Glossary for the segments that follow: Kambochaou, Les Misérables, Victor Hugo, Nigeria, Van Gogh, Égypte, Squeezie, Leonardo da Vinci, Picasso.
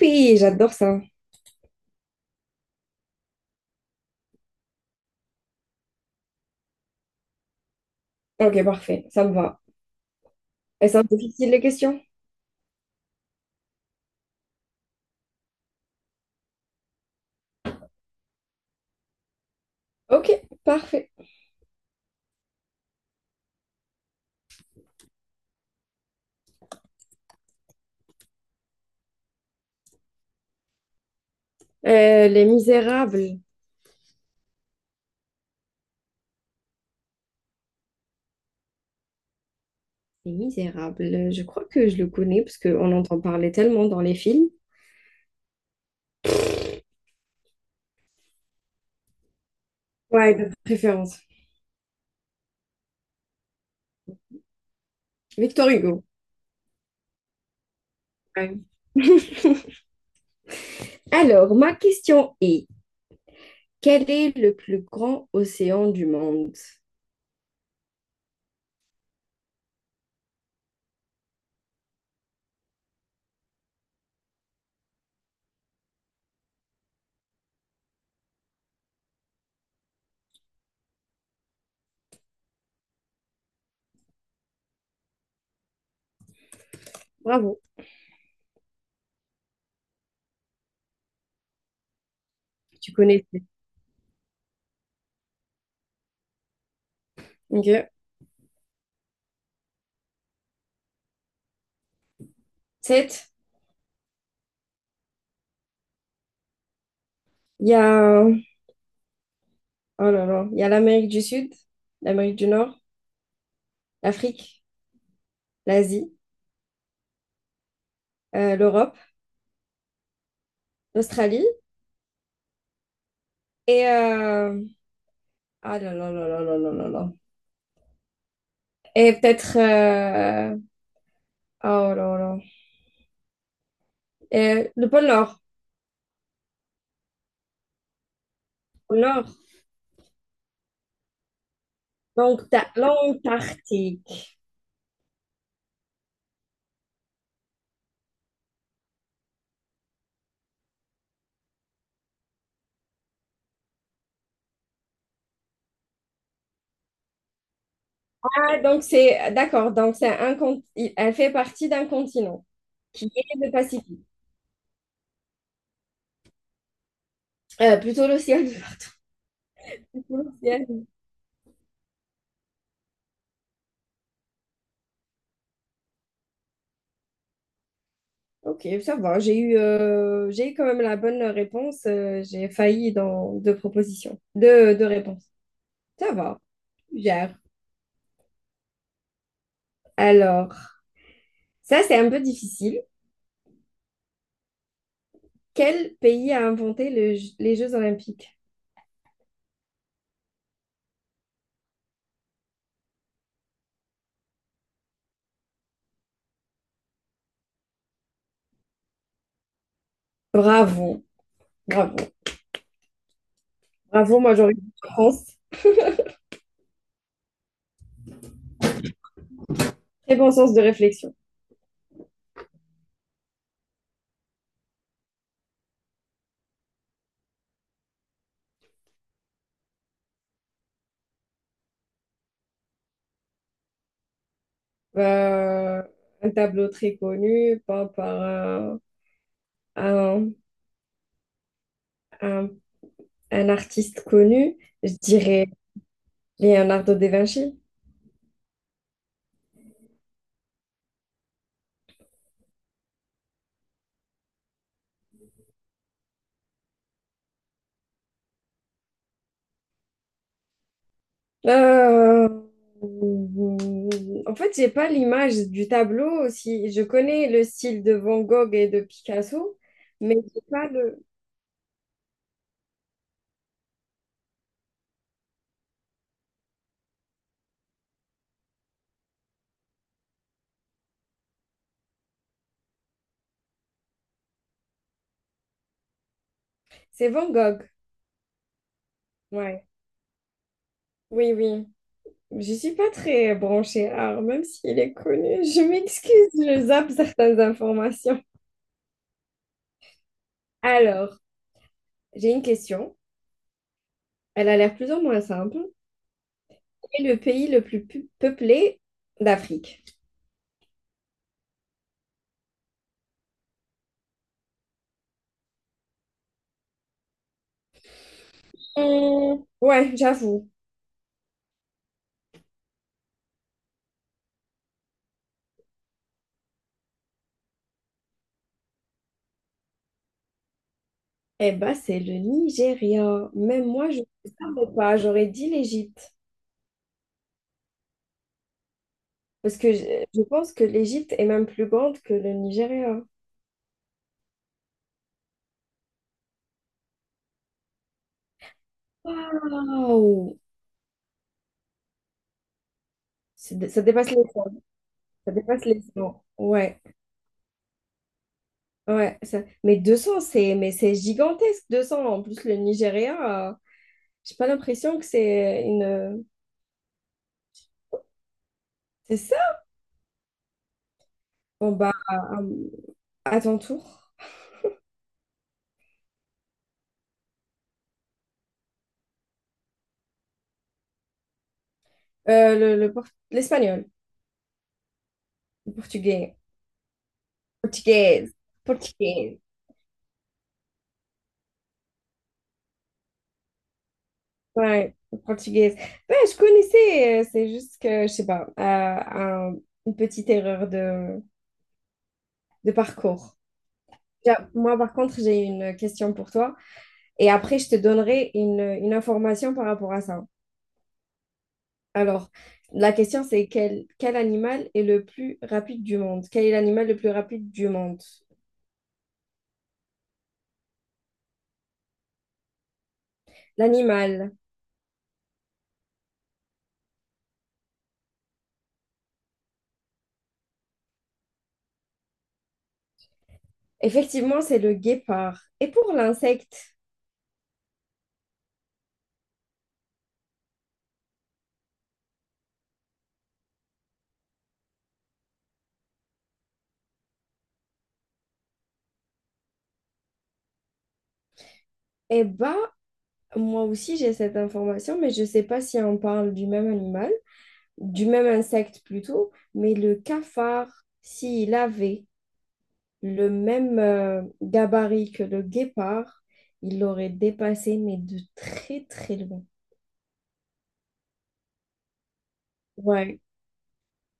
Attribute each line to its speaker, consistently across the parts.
Speaker 1: Oui, j'adore ça. Ok, parfait, ça me va. Elles sont difficiles les questions? Ok, parfait. Les Misérables. Les Misérables, je crois que je le connais parce qu'on entend parler tellement dans les films. Ouais, de préférence. Victor Hugo. Ouais. Alors, ma question est, quel est le plus grand océan du monde? Bravo, tu connais. Ok. 7. Il y a... Oh là là. Il y a l'Amérique du Sud, l'Amérique du Nord, l'Afrique, l'Asie, l'Europe, l'Australie. Et ah là là là là là là là là. Et peut-être oh là là. Et le pôle Nord. Pôle Nord. Donc t'as l'Antarctique. Ah donc c'est d'accord. Donc c'est un elle fait partie d'un continent qui est le Pacifique. Plutôt l'océan. Plutôt l'océan. Ok, ça va. J'ai eu quand même la bonne réponse. J'ai failli dans deux propositions, deux réponses. Ça va. Je Gère. Alors ça c'est un peu difficile. Quel pays a inventé les Jeux Olympiques? Bravo, bravo, bravo, moi j'aurais dit France. Très bon sens de réflexion. Euh, un tableau très connu, peint par un- un- un artiste connu, je dirais Leonardo da Vinci. Euh, en fait, j'ai pas l'image du tableau. Si je connais le style de Van Gogh et de Picasso, mais j'ai pas le. C'est Van Gogh. Ouais. Oui, oui. Je suis pas très branchée art, même s'il est connu. Je m'excuse, je zappe certaines informations. Alors, j'ai une question. Elle a l'air plus ou moins simple. Quel est le pays le plus peuplé d'Afrique? Ouais, j'avoue. Eh ben, c'est le Nigeria. Même moi, je ne savais pas. J'aurais dit l'Égypte. Parce que je pense que l'Égypte est même plus grande que le Nigeria. Waouh! Ça dépasse les 100. Ça dépasse les 100. Ouais, ouais. Mais 200, c'est mais c'est gigantesque, 200. En plus, le Nigeria, j'ai pas l'impression que c'est une... C'est ça? Bon, à ton tour. Euh, le, le port- L'espagnol. Le portugais. Portugaise. Portugaise. Ouais, portugaise. Ouais, je connaissais, c'est juste que, je sais pas, une petite erreur de parcours. Tiens, moi, par contre, j'ai une question pour toi et après, je te donnerai une information par rapport à ça. Alors, la question, c'est quel animal est le plus rapide du monde? Quel est l'animal le plus rapide du monde? L'animal, effectivement, c'est le guépard. Et pour l'insecte, eh ben, moi aussi, j'ai cette information, mais je sais pas si on parle du même animal. Du même insecte plutôt, mais le cafard, s'il avait le même gabarit que le guépard, il l'aurait dépassé, mais de très très loin. Ouais.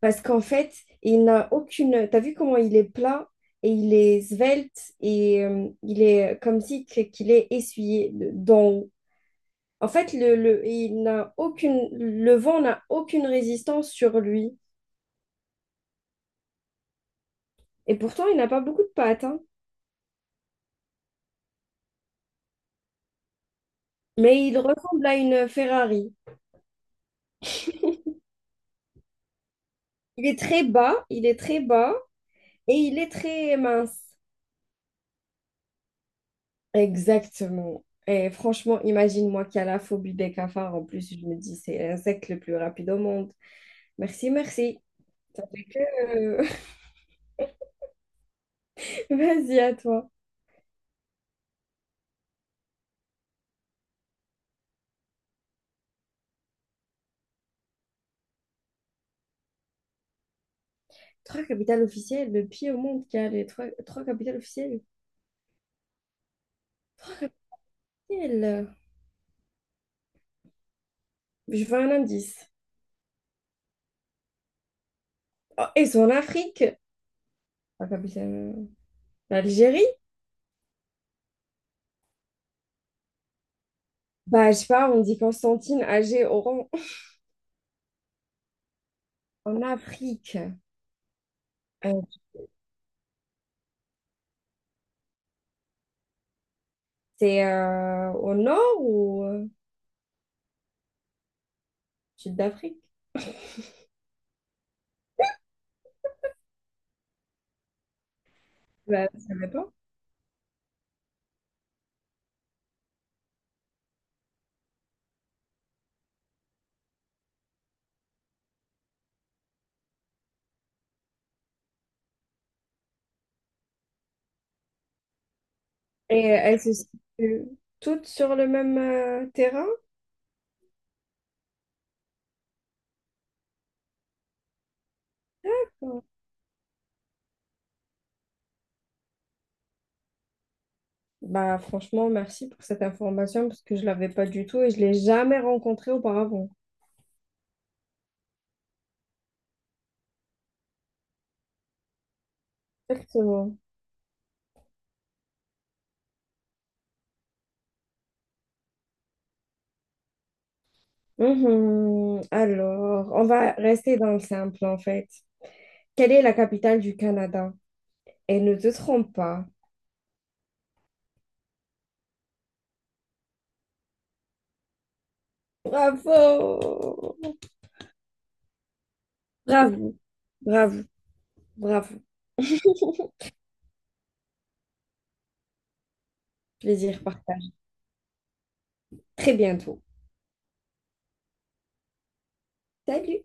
Speaker 1: Parce qu'en fait, il n'a aucune... T'as vu comment il est plat et il est svelte et il est comme si qu'il est essuyé d'en haut. En fait, il n'a aucune... Le vent n'a aucune résistance sur lui. Et pourtant, il n'a pas beaucoup de pattes, hein. Mais il ressemble à une Ferrari. Il est très bas, il est très bas et il est très mince. Exactement. Et franchement, imagine-moi qui a la phobie des cafards. En plus, je me dis, c'est l'insecte le plus rapide au monde. Merci, merci. Euh, vas-y, à toi. Trois capitales officielles, le pays au monde qui a les trois capitales officielles. Trois capitales. Je veux un indice. Oh, et c'est en Afrique. La capitale. L'Algérie? Bah, je sais pas, on dit Constantine, Alger, Oran. En Afrique. Euh, C'est au nord ou sud d'Afrique? Bah, ça dépend. Et elles se situent toutes sur le même terrain? Bah, franchement, merci pour cette information parce que je l'avais pas du tout et je l'ai jamais rencontrée auparavant. Exactement. Mhm. Alors, on va rester dans le simple en fait. Quelle est la capitale du Canada? Et ne te trompe pas. Bravo! Bravo, bravo, bravo. Plaisir partagé. Très bientôt. Salut!